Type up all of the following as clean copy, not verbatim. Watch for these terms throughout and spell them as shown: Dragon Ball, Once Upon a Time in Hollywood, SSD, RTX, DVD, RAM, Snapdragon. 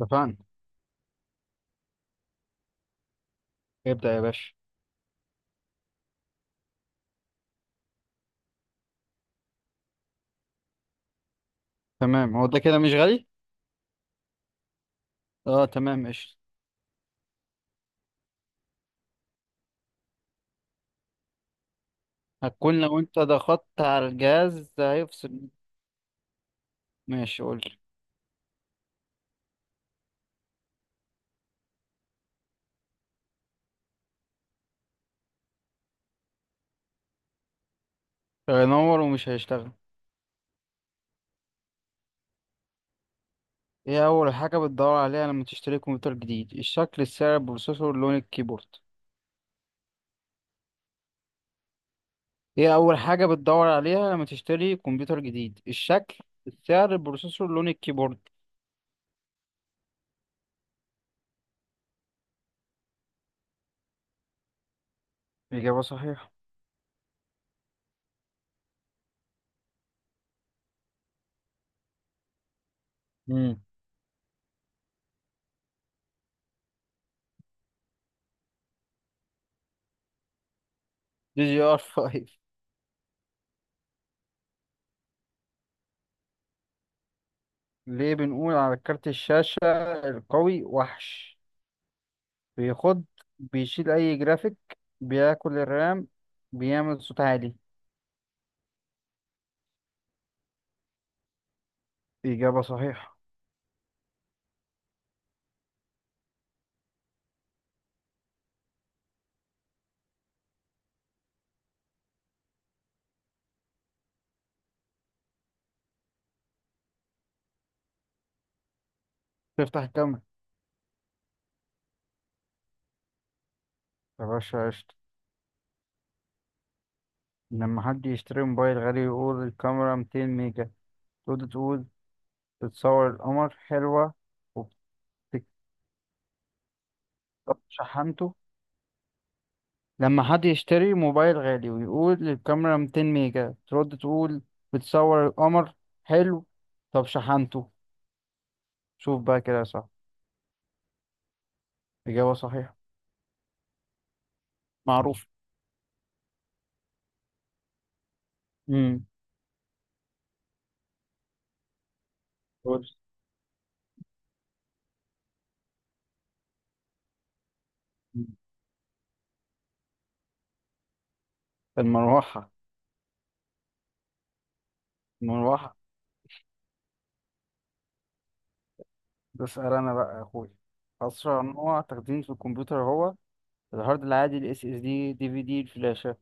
اتفقنا. ابدأ يا باشا. تمام، هو ده كده مش غالي. اه تمام قشطة. هتكون لو انت ضغطت على الجهاز ده هيفصل. ماشي قول. هينور ومش هيشتغل. ايه اول حاجة بتدور عليها لما تشتري كمبيوتر جديد؟ الشكل، السعر، البروسيسور، لون الكيبورد؟ ايه اول حاجة بتدور عليها لما تشتري كمبيوتر جديد؟ الشكل، السعر، البروسيسور، لون الكيبورد؟ إجابة صحيحة. امم دي جي ار 5. ليه بنقول على كارت الشاشة القوي وحش؟ بيخض، بيشيل أي جرافيك، بياكل الرام، بيعمل صوت عالي. إجابة صحيحة. تفتح الكاميرا. يا باشا قشطة. لما حد يشتري موبايل غالي يقول الكاميرا 200 ميجا تقول بتصور القمر حلوة. وبتكتب شحنته. لما حد يشتري موبايل غالي ويقول الكاميرا 200 ميجا ترد تقول بتصور القمر حلو، طب شحنته. شوف بقى كده صح. إجابة صحيحة. معروف. امم المروحة. مروحة. ده اسأل أنا بقى يا أخوي. أسرع نوع تخزين في الكمبيوتر هو الهارد العادي، ال SSD، DVD، الفلاشة.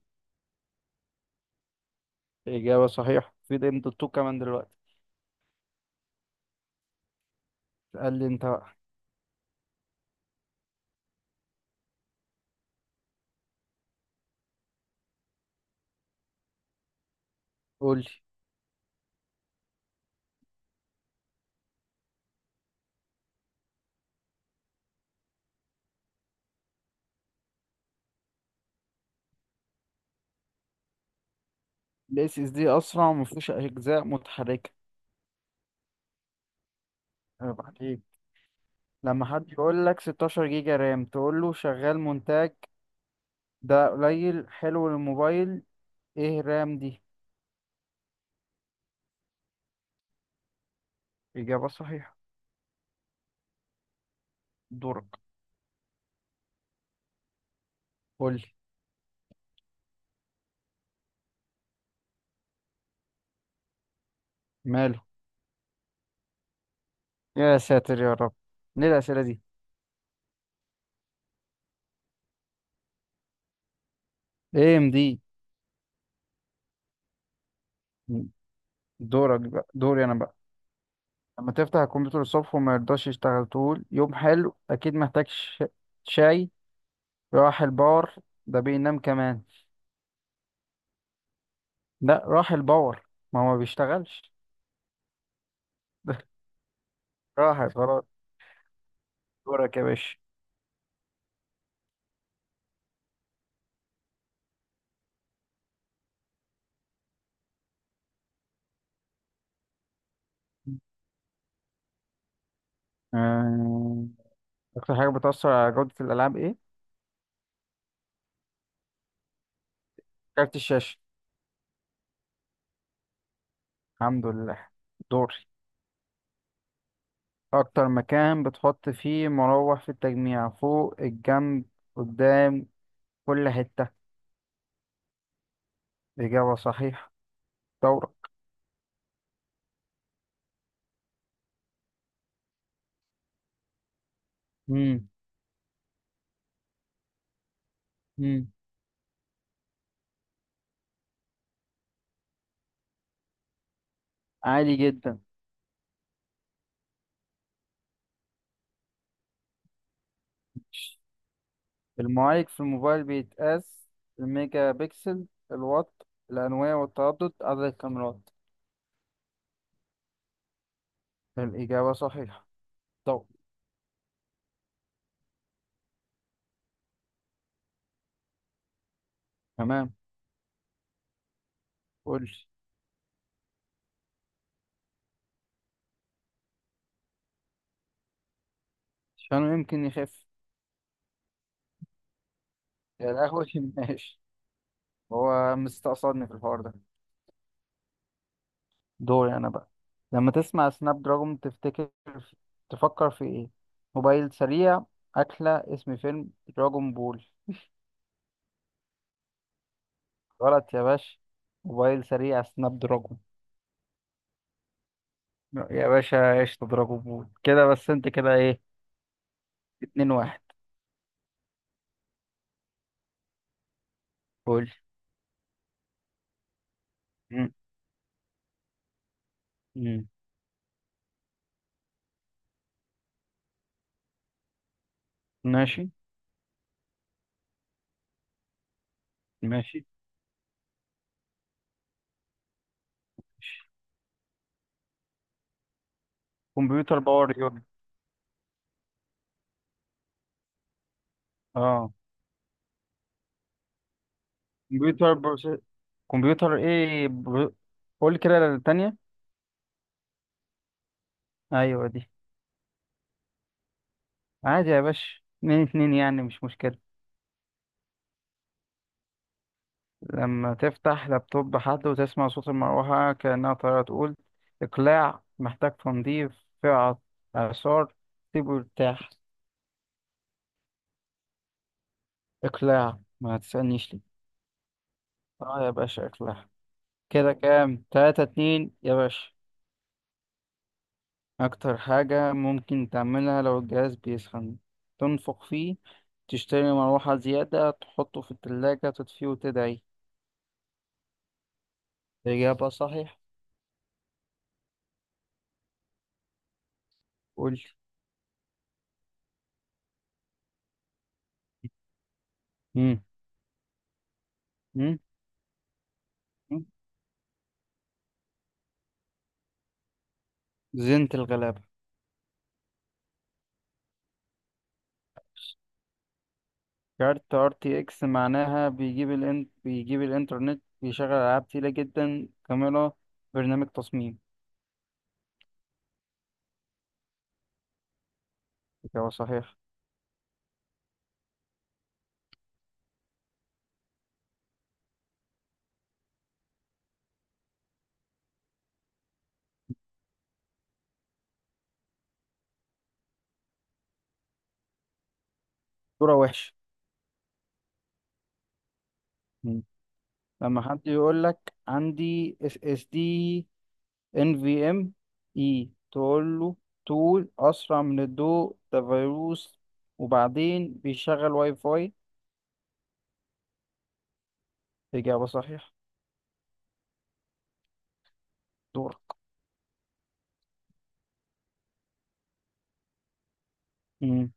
إجابة صحيحة، في ده الدكتور كمان دلوقتي. اسأل لي أنت بقى. قول لي. ال SSD أسرع ومفيهوش أجزاء متحركة. عيب عليك. لما حد يقول لك 16 جيجا رام تقول له شغال مونتاج، ده قليل، حلو للموبايل، إيه رام دي. إجابة صحيحة. دورك. قول لي. ماله؟ يا ساتر يا رب، ليه الأسئلة دي؟ ايه ام دي. دورك بقى، دوري انا بقى. لما تفتح الكمبيوتر الصبح وما يرضاش يشتغل تقول يوم حلو، اكيد محتاج شاي، راح الباور، ده بينام كمان. لا راح الباور، ما هو ما بيشتغلش. راحت خلاص. دورك يا باشا. آه، اكتر حاجة بتأثر على جودة الالعاب ايه؟ كارت الشاشة. الحمد لله. دوري. اكتر مكان بتحط فيه مروح في التجميع؟ فوق، الجنب، قدام، كل حتة. إجابة صحيحة. دورك. عالي جدا. المعالج في الموبايل بيتقاس الميجا بكسل، الوات، الأنوية والتردد، عدد الكاميرات. الإجابة صحيحة. طب. تمام. قول لي. عشان يمكن يخف. يا القهوة ماشي. هو مستقصدني في الحوار ده. دوري أنا بقى. لما تسمع سناب دراجون تفتكر، تفكر في إيه؟ موبايل سريع، أكلة، اسم فيلم، دراجون بول. غلط يا باشا، موبايل سريع سناب دراجون. يا باشا ايش تضربه بول كده؟ بس انت كده ايه. اتنين واحد. قول. مم. مم. ماشي. ماشي. ماشي. كمبيوتر باور يونت. اه. كمبيوتر كمبيوتر ايه قول كده التانية. ايوه دي. عادي يا باشا، اتنين اتنين يعني مش مشكلة. لما تفتح لابتوب حد وتسمع صوت المروحة كأنها طيارة تقول إقلاع، محتاج تنظيف، فئة، إعصار، سيبه يرتاح. إقلاع، ما تسألنيش ليه. اه يا باشا إقلاع. كده كام؟ تلاتة اتنين يا باشا. أكتر حاجة ممكن تعملها لو الجهاز بيسخن؟ تنفخ فيه، تشتري مروحة زيادة، تحطه في التلاجة، تطفيه وتدعي. إجابة صحيح. قول. مم. مم. مم. زينة الغلابة. كارت ار تي اكس معناها بيجيب بيجيب الانترنت، بيشغل العاب تقيلة جدا، كاميرا، برنامج تصميم. إجابة صحيح. صورة وحشة. مم. لما حد يقول لك عندي اس اس دي ان في ام اي تقول له تول اسرع من الضوء، ده فيروس، وبعدين بيشغل واي فاي. اجابه صحيحه. دورك. مم.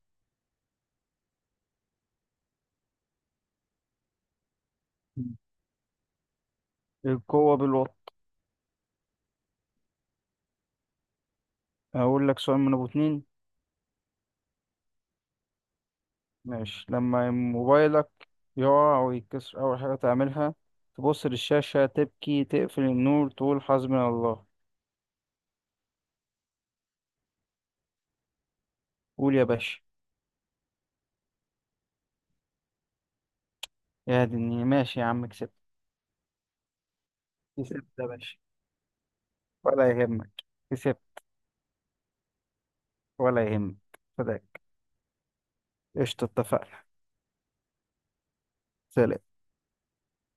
القوه بالوات. هقول لك سؤال من ابو اتنين. ماشي. لما موبايلك يقع او يتكسر اول حاجه تعملها؟ تبص للشاشه، تبكي، تقفل النور، تقول حسبنا الله. قول يا باشا. يا دنيا ماشي يا عم، كسبت. كسبت يا باشا. ولا يهمك. كسبت. ولا يهمك. فداك. قشطة اتفقنا. سلام.